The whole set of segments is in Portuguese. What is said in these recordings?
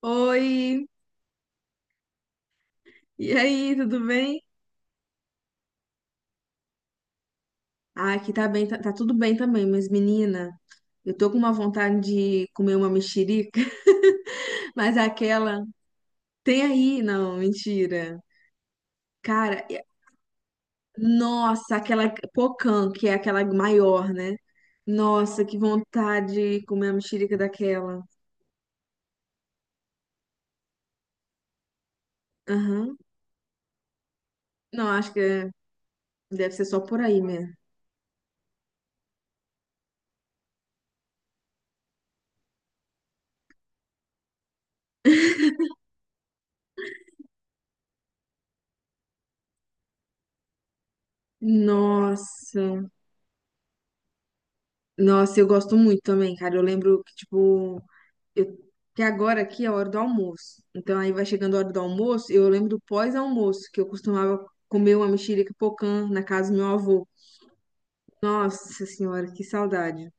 Oi, e aí, tudo bem? Ah, aqui tá bem, tá, tá tudo bem também, mas menina, eu tô com uma vontade de comer uma mexerica, mas aquela tem aí, não, mentira. Cara, nossa, aquela pocã, que é aquela maior, né? Nossa, que vontade de comer a mexerica daquela. Aham. Não, acho que deve ser só por aí mesmo. Nossa, nossa, eu gosto muito também, cara. Eu lembro que, tipo, eu- que agora aqui é a hora do almoço. Então aí vai chegando a hora do almoço, eu lembro do pós-almoço, que eu costumava comer uma mexerica pocã na casa do meu avô. Nossa senhora, que saudade.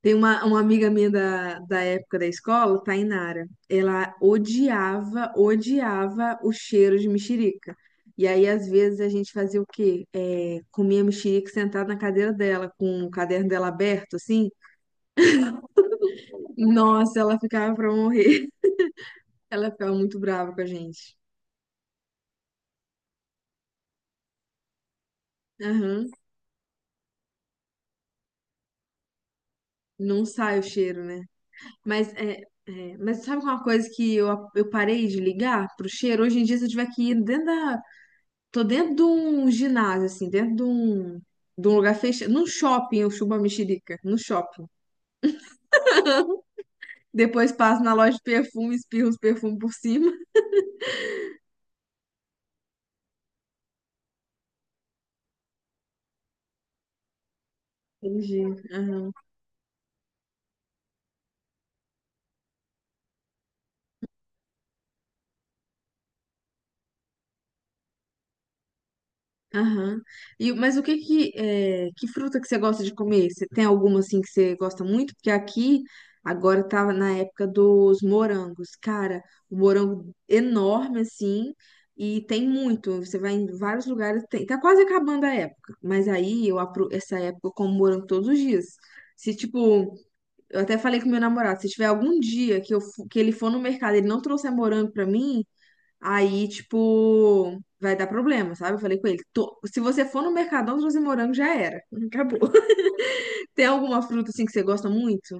Tem uma amiga minha da época da escola, Tainara. Ela odiava, odiava o cheiro de mexerica. E aí, às vezes, a gente fazia o quê? É, comia mexerica sentada na cadeira dela, com o caderno dela aberto, assim. Nossa, ela ficava pra morrer. Ela ficava muito brava com a gente. Aham. Não sai o cheiro, né? Mas é, é, mas sabe uma coisa que eu parei de ligar pro cheiro? Hoje em dia, se eu tiver que ir dentro da. Tô dentro de um ginásio, assim, dentro de um lugar fechado. Num shopping, eu chupo a mexerica. No shopping. Depois passo na loja de perfume, espirro os perfumes por cima. Entendi. Aham. E, mas o que que, é, que fruta que você gosta de comer? Você tem alguma assim que você gosta muito? Porque aqui agora tava na época dos morangos. Cara, o morango enorme assim e tem muito. Você vai em vários lugares, tem. Tá quase acabando a época. Mas aí eu apro essa época eu como morango todos os dias. Se tipo, eu até falei com meu namorado, se tiver algum dia que eu que ele for no mercado, e ele não trouxer morango pra mim, aí, tipo, vai dar problema, sabe? Eu falei com ele, "Tô- se você for no Mercadão trazer morango, já era." Acabou. Tem alguma fruta assim que você gosta muito?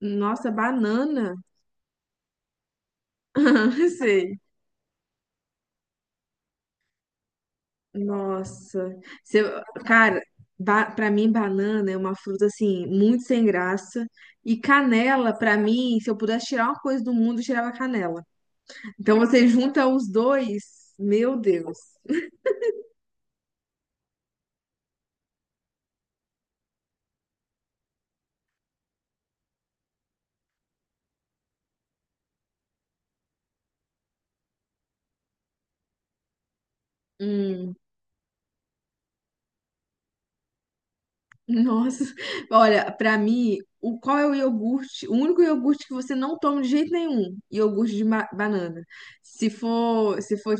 Nossa, banana. Sei. Nossa. Você- cara, pra mim, banana é uma fruta assim, muito sem graça. E canela, pra mim, se eu pudesse tirar uma coisa do mundo, eu tirava canela. Então você junta os dois, meu Deus. Hum. Nossa, olha, pra mim, o qual é o iogurte? O único iogurte que você não toma de jeito nenhum, iogurte de banana. Se for, se for,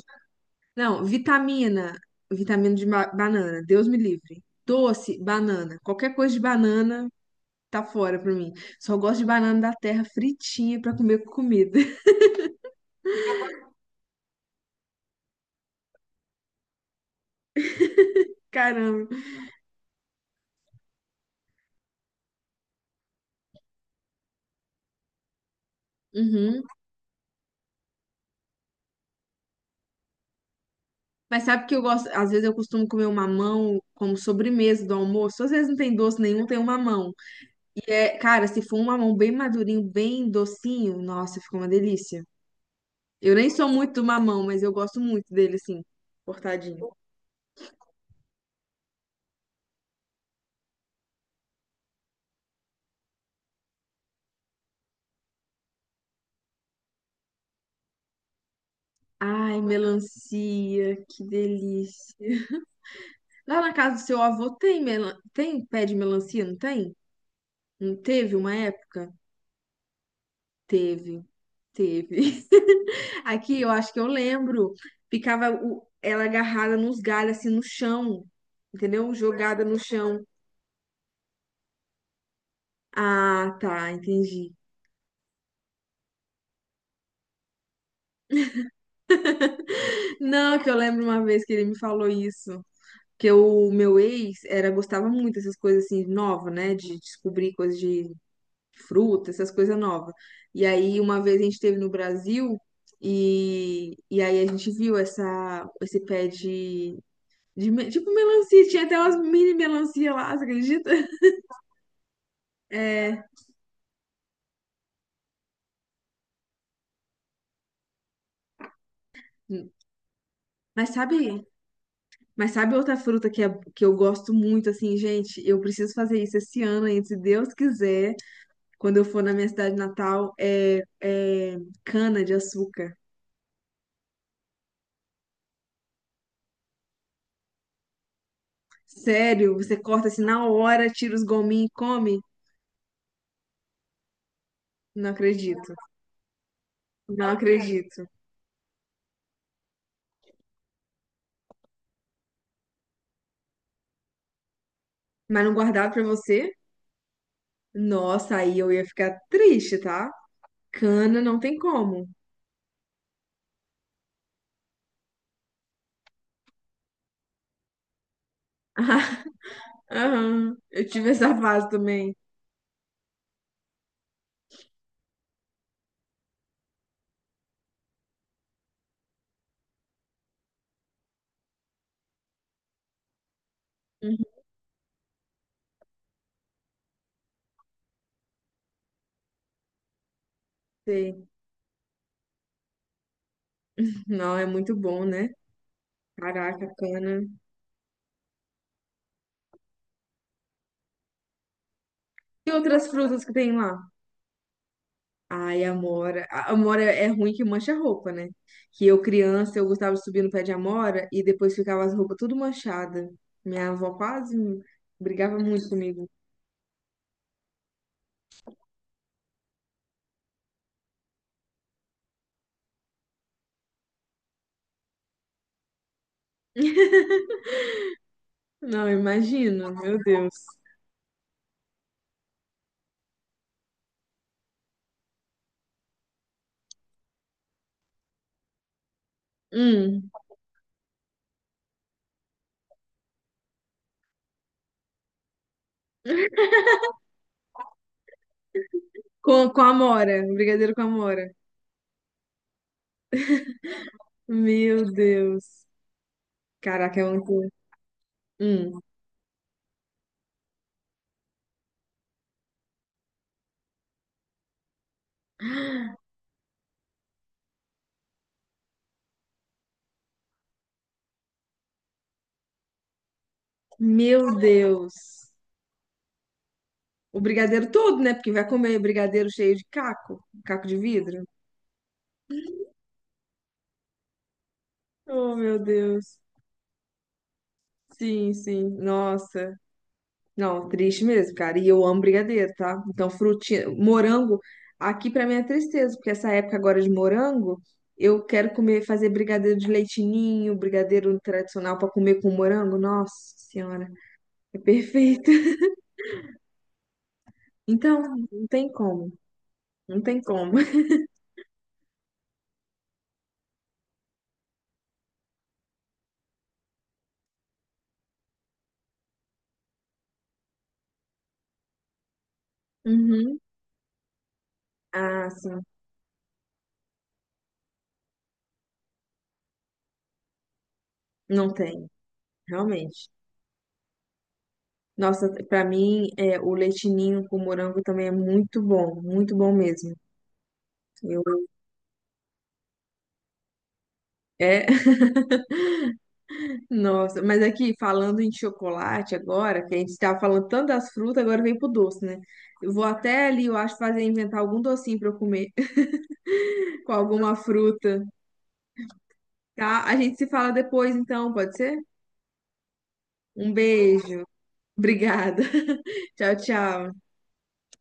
não, vitamina, vitamina de banana, Deus me livre. Doce, banana, qualquer coisa de banana tá fora pra mim. Só gosto de banana da terra fritinha pra comer com comida. Caramba. Uhum. Mas sabe que eu gosto, às vezes eu costumo comer um mamão como sobremesa do almoço. Às vezes não tem doce nenhum, tem um mamão. E cara, se for um mamão bem madurinho, bem docinho, nossa, fica uma delícia. Eu nem sou muito do mamão, mas eu gosto muito dele, assim, cortadinho. Ai, melancia, que delícia. Lá na casa do seu avô tem, tem pé de melancia, não tem? Não teve uma época? Teve, teve. Aqui eu acho que eu lembro, ficava ela agarrada nos galhos, assim, no chão, entendeu? Jogada no chão. Ah, tá, entendi. Não, que eu lembro uma vez que ele me falou isso. Que o meu ex era, gostava muito dessas coisas assim, nova, né? De descobrir coisas de fruta, essas coisas novas. E aí, uma vez a gente esteve no Brasil e aí a gente viu essa, esse pé de tipo melancia, tinha até umas mini melancia lá, você acredita? É, mas sabe, mas sabe outra fruta que, é, que eu gosto muito, assim, gente? Eu preciso fazer isso esse ano ainda, se Deus quiser. Quando eu for na minha cidade natal, é, é cana de açúcar. Sério, você corta assim na hora, tira os gominhos e come? Não acredito. Não acredito. Mas não guardado pra você? Nossa, aí eu ia ficar triste, tá? Cana não tem como. Aham, eu tive essa fase também. Uhum. Sei. Não, é muito bom, né? Caraca, cana. E outras frutas que tem lá? Ai, Amora. A Amora é é ruim que mancha a roupa, né? Que eu, criança, eu gostava de subir no pé de Amora e depois ficava as roupas tudo manchada. Minha avó quase brigava muito comigo. Não, imagino, meu Deus. Hum, com a Amora, um brigadeiro com a Amora. Meu Deus. Caraca, é muito. Hum, meu Deus. O brigadeiro todo, né? Porque vai comer brigadeiro cheio de caco, caco de vidro. Oh, meu Deus. Sim, sim. Nossa. Não, triste mesmo, cara. E eu amo brigadeiro, tá? Então, frutinha, morango, aqui pra mim é tristeza, porque essa época agora de morango, eu quero comer, fazer brigadeiro de leite ninho, brigadeiro tradicional pra comer com morango. Nossa Senhora, é perfeito. Então, não tem como, não tem como. Uhum. Ah, sim, não tem, realmente. Nossa, pra mim, é, o leitinho com morango também é muito bom mesmo. Eu, é. Nossa, mas aqui falando em chocolate agora, que a gente estava falando tanto das frutas, agora vem pro doce, né? Eu vou até ali, eu acho, fazer inventar algum docinho para eu comer com alguma fruta, tá? A gente se fala depois, então, pode ser? Um beijo. Obrigada. Tchau, tchau.